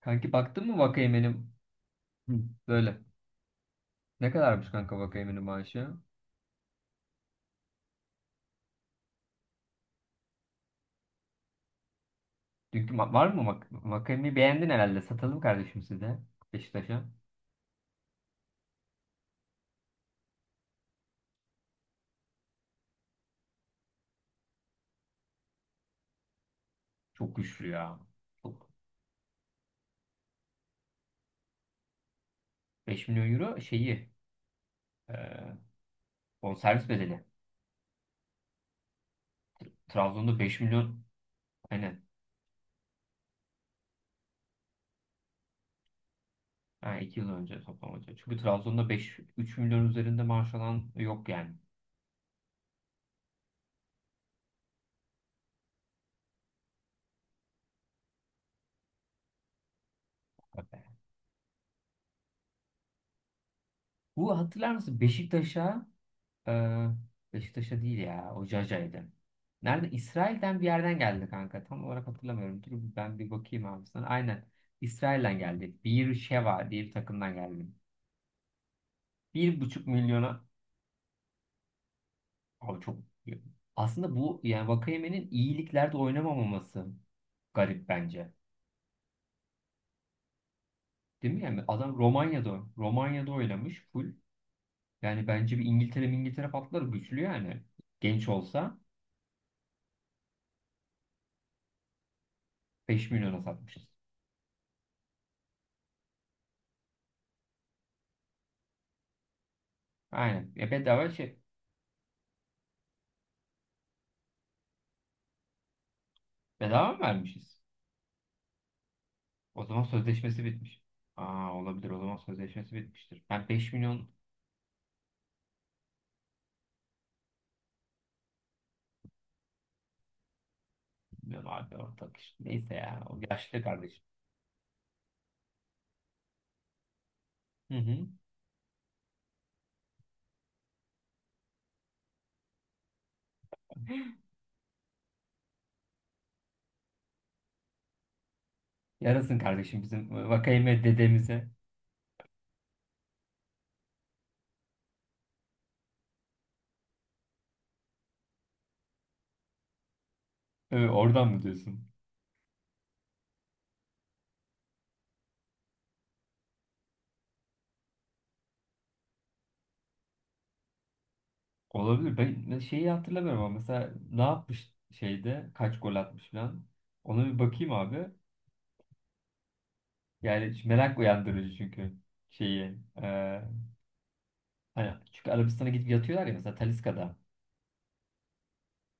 Kanki baktın mı Vakayemen'in? Hı. Böyle? Ne kadarmış kanka Vakayemen'in maaşı? Var mı Vakayemen'i beğendin herhalde. Satalım kardeşim size Beşiktaş'a. Çok güçlü ya. Çok. 5 milyon euro şeyi, e, bonservis bedeli. Trabzon'da 5 milyon, aynen. Ha, 2 yıl önce toplam hocam. Çünkü Trabzon'da beş, 3 milyon üzerinde maaş alan yok yani. Bu, hatırlar mısın? Beşiktaş'a. Ee, Beşiktaş'a değil ya. O Jaja'ydı. Nerede? İsrail'den bir yerden geldi kanka. Tam olarak hatırlamıyorum. Dur ben bir bakayım abi sana. Aynen. İsrail'den geldi. Bir Sheva diye bir takımdan geldi. 1,5 milyona. Abi çok. Aslında bu, yani Vakayeme'nin iyiliklerde oynamamaması garip bence. Değil mi? Yani adam Romanya'da. Romanya'da oynamış full. Yani bence bir İngiltere patlar güçlü yani. Genç olsa. 5 milyona satmışız. Aynen. Ya bedava şey. Bedava mı vermişiz? O zaman sözleşmesi bitmiş. Aa, olabilir, o zaman sözleşmesi bitmiştir. Ben 5 milyon. Bilmiyorum abi, ortak işte. Neyse ya, o yaşlı kardeşim. Hı hı. Yarasın kardeşim bizim, Vakayeme dedemize. Oradan mı diyorsun? Olabilir. Ben şeyi hatırlamıyorum ama mesela ne yapmış, şeyde kaç gol atmış falan. Ona bir bakayım abi. Yani şu merak uyandırıcı çünkü şeyi. e, Hani çünkü Arabistan'a gidip yatıyorlar ya, mesela Taliska'da.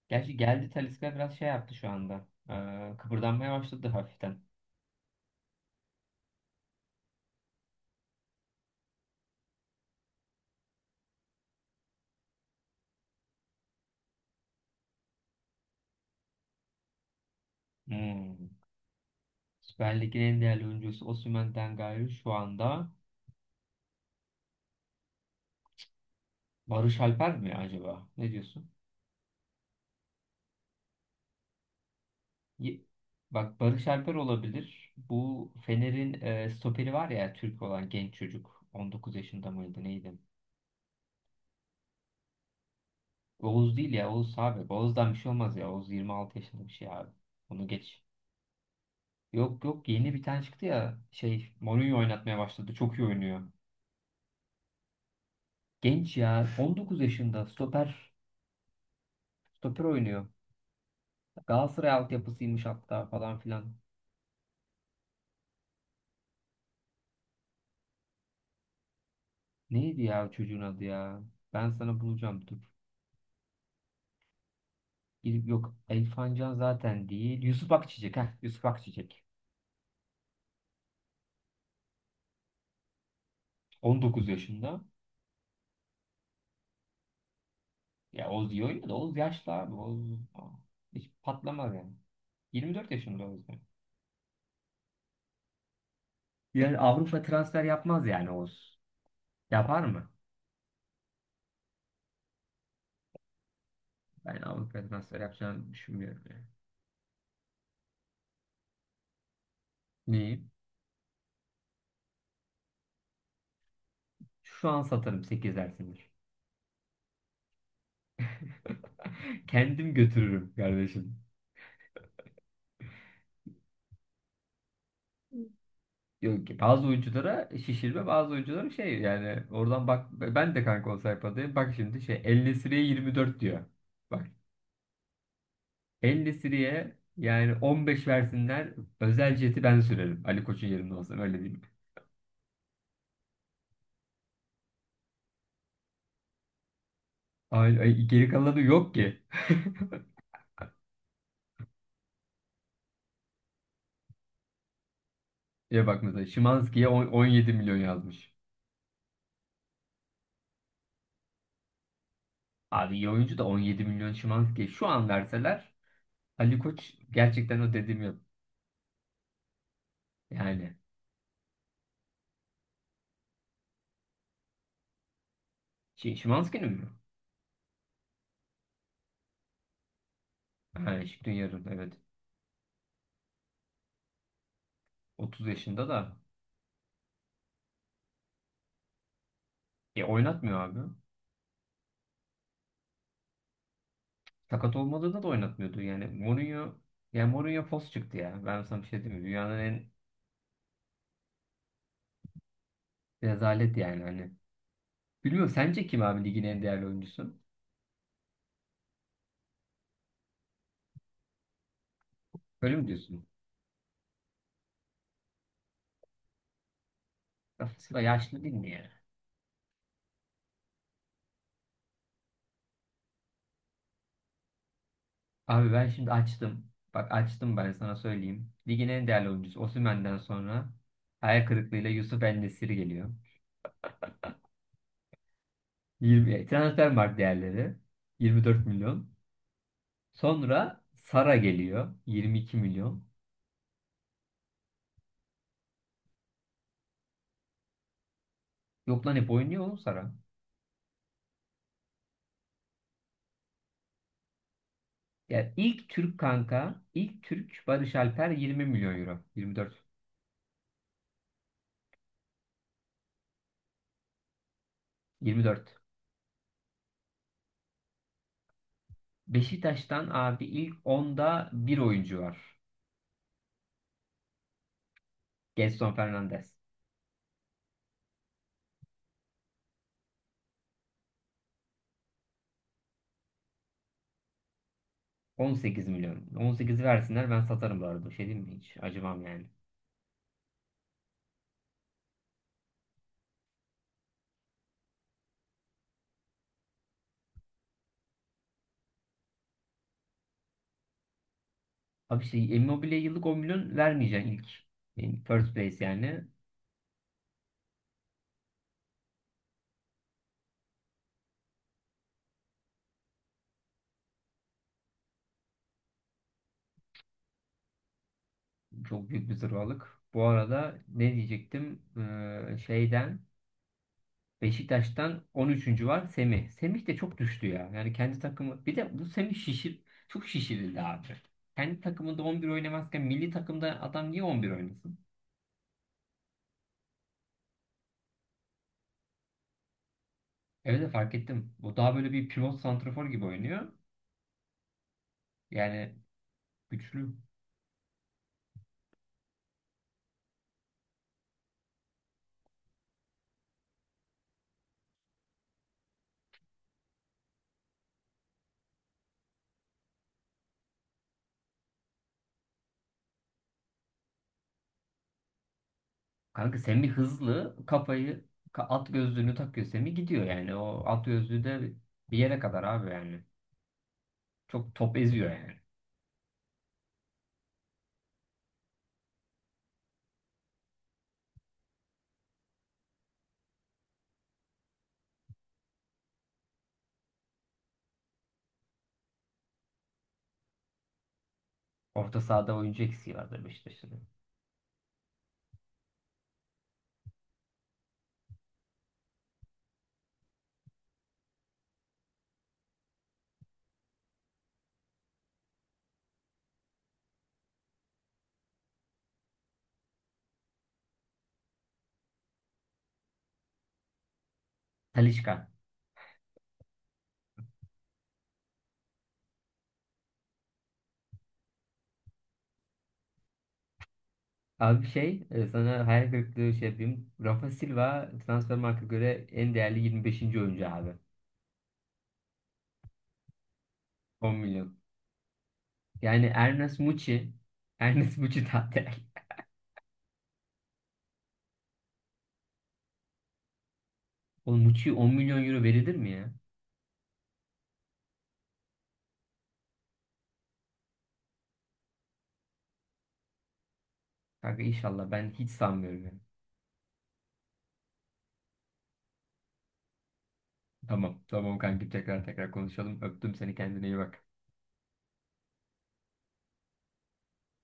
Gerçi geldi Taliska, biraz şey yaptı şu anda. Kıpırdanmaya başladı hafiften. Hmm. Süper Lig'in en değerli oyuncusu Osimhen'den gayrı şu anda Barış Alper mi acaba? Ne diyorsun? Ye- Bak Barış Alper olabilir. Bu Fener'in, stoperi var ya, Türk olan genç çocuk. 19 yaşında mıydı, neydi? Oğuz değil ya, Oğuz abi. Oğuz'dan bir şey olmaz ya. Oğuz 26 yaşında bir şey abi. Onu geç. Yok, yok, yeni bir tane çıktı ya. Şey, Mourinho oynatmaya başladı. Çok iyi oynuyor. Genç ya. 19 yaşında stoper. Stoper oynuyor. Galatasaray altyapısıymış hatta, falan filan. Neydi ya o çocuğun adı ya? Ben sana bulacağım, dur. Yok, Elfancan zaten değil. Yusuf Akçiçek. Heh, Yusuf Akçiçek. 19 yaşında. Ya Oz iyi oynuyor da, Oz yaşlı abi. Oz hiç patlamaz yani. 24 yaşında Oz yani. Yani Avrupa transfer yapmaz yani Oz. Yapar mı? Ben Avrupa transfer yapacağını düşünmüyorum yani. Neyi? Şu an satarım 8 dersini. Kendim götürürüm kardeşim. Yok ki, bazı oyunculara şişirme, bazı oyunculara şey yani. Oradan bak, ben de kanka o sayfadayım. Bak şimdi, şey El Nesiri'ye 24 diyor. Bak, El Nesiri'ye yani 15 versinler, özel jeti ben sürerim Ali Koç'un yerinde olsam, öyle diyeyim. Ay, ay, geri kalanı yok ki. Ya bak mesela Szymański'ye 17 milyon yazmış. Abi iyi oyuncu da, 17 milyon Szymański'ye şu an verseler Ali Koç gerçekten, o dediğim yok. Yani şey, Szymański'nin mi? Ha, Şikrin yarın, evet. 30 yaşında da. Ya oynatmıyor abi. Sakat olmadığında da oynatmıyordu. Yani Mourinho fos çıktı ya. Ben sana bir şey diyeyim mi? Dünyanın en rezalet yani, hani. Bilmiyorum, sence kim abi ligin en değerli oyuncusu? Öyle mi diyorsun? Rafa yaşlı değil mi ya? Abi ben şimdi açtım. Bak açtım, ben sana söyleyeyim. Ligin en değerli oyuncusu Osimhen'den sonra hayal kırıklığıyla Yusuf En-Nesyri geliyor. 20, Transfermarkt değerleri 24 milyon. Sonra Sara geliyor 22 milyon. Yok lan, hep oynuyor oğlum Sara. Ya ilk Türk kanka, ilk Türk Barış Alper 20 milyon euro. 24. 24. Beşiktaş'tan abi ilk onda bir oyuncu var. Gelson Fernandes. 18 milyon. 18'i versinler ben satarım bu arada. Şey diyeyim mi hiç? Acımam yani. Abi şey, Immobile yıllık 10 milyon vermeyeceksin ilk. Yani First place yani. Çok büyük bir zırvalık. Bu arada ne diyecektim? Şeyden, Beşiktaş'tan 13. var, Semih. Semih de çok düştü ya. Yani kendi takımı, bir de bu Semih, çok şişirildi abi. Kendi takımında 11 oynamazken milli takımda adam niye 11 oynasın? Evet de fark ettim. Bu daha böyle bir pivot santrafor gibi oynuyor. Yani güçlü. Kanka Semih hızlı, kafayı at gözlüğünü takıyor Semih, gidiyor yani. O at gözlüğü de bir yere kadar abi yani. Çok top eziyor yani. Orta sahada oyuncu eksiği vardı Beşiktaş'ın. Talisca. Abi şey, sana hayal kırıklığı şey yapayım. Rafa Silva Transfermarkt'a göre en değerli 25. oyuncu abi. 10 milyon. Yani Ernest Muçi Ernest Muçi daha değerli. Oğlum Muçi'ye 10 milyon euro verilir mi ya? Kanka inşallah, ben hiç sanmıyorum yani. Tamam, tamam kankim, tekrar tekrar konuşalım. Öptüm seni, kendine iyi bak.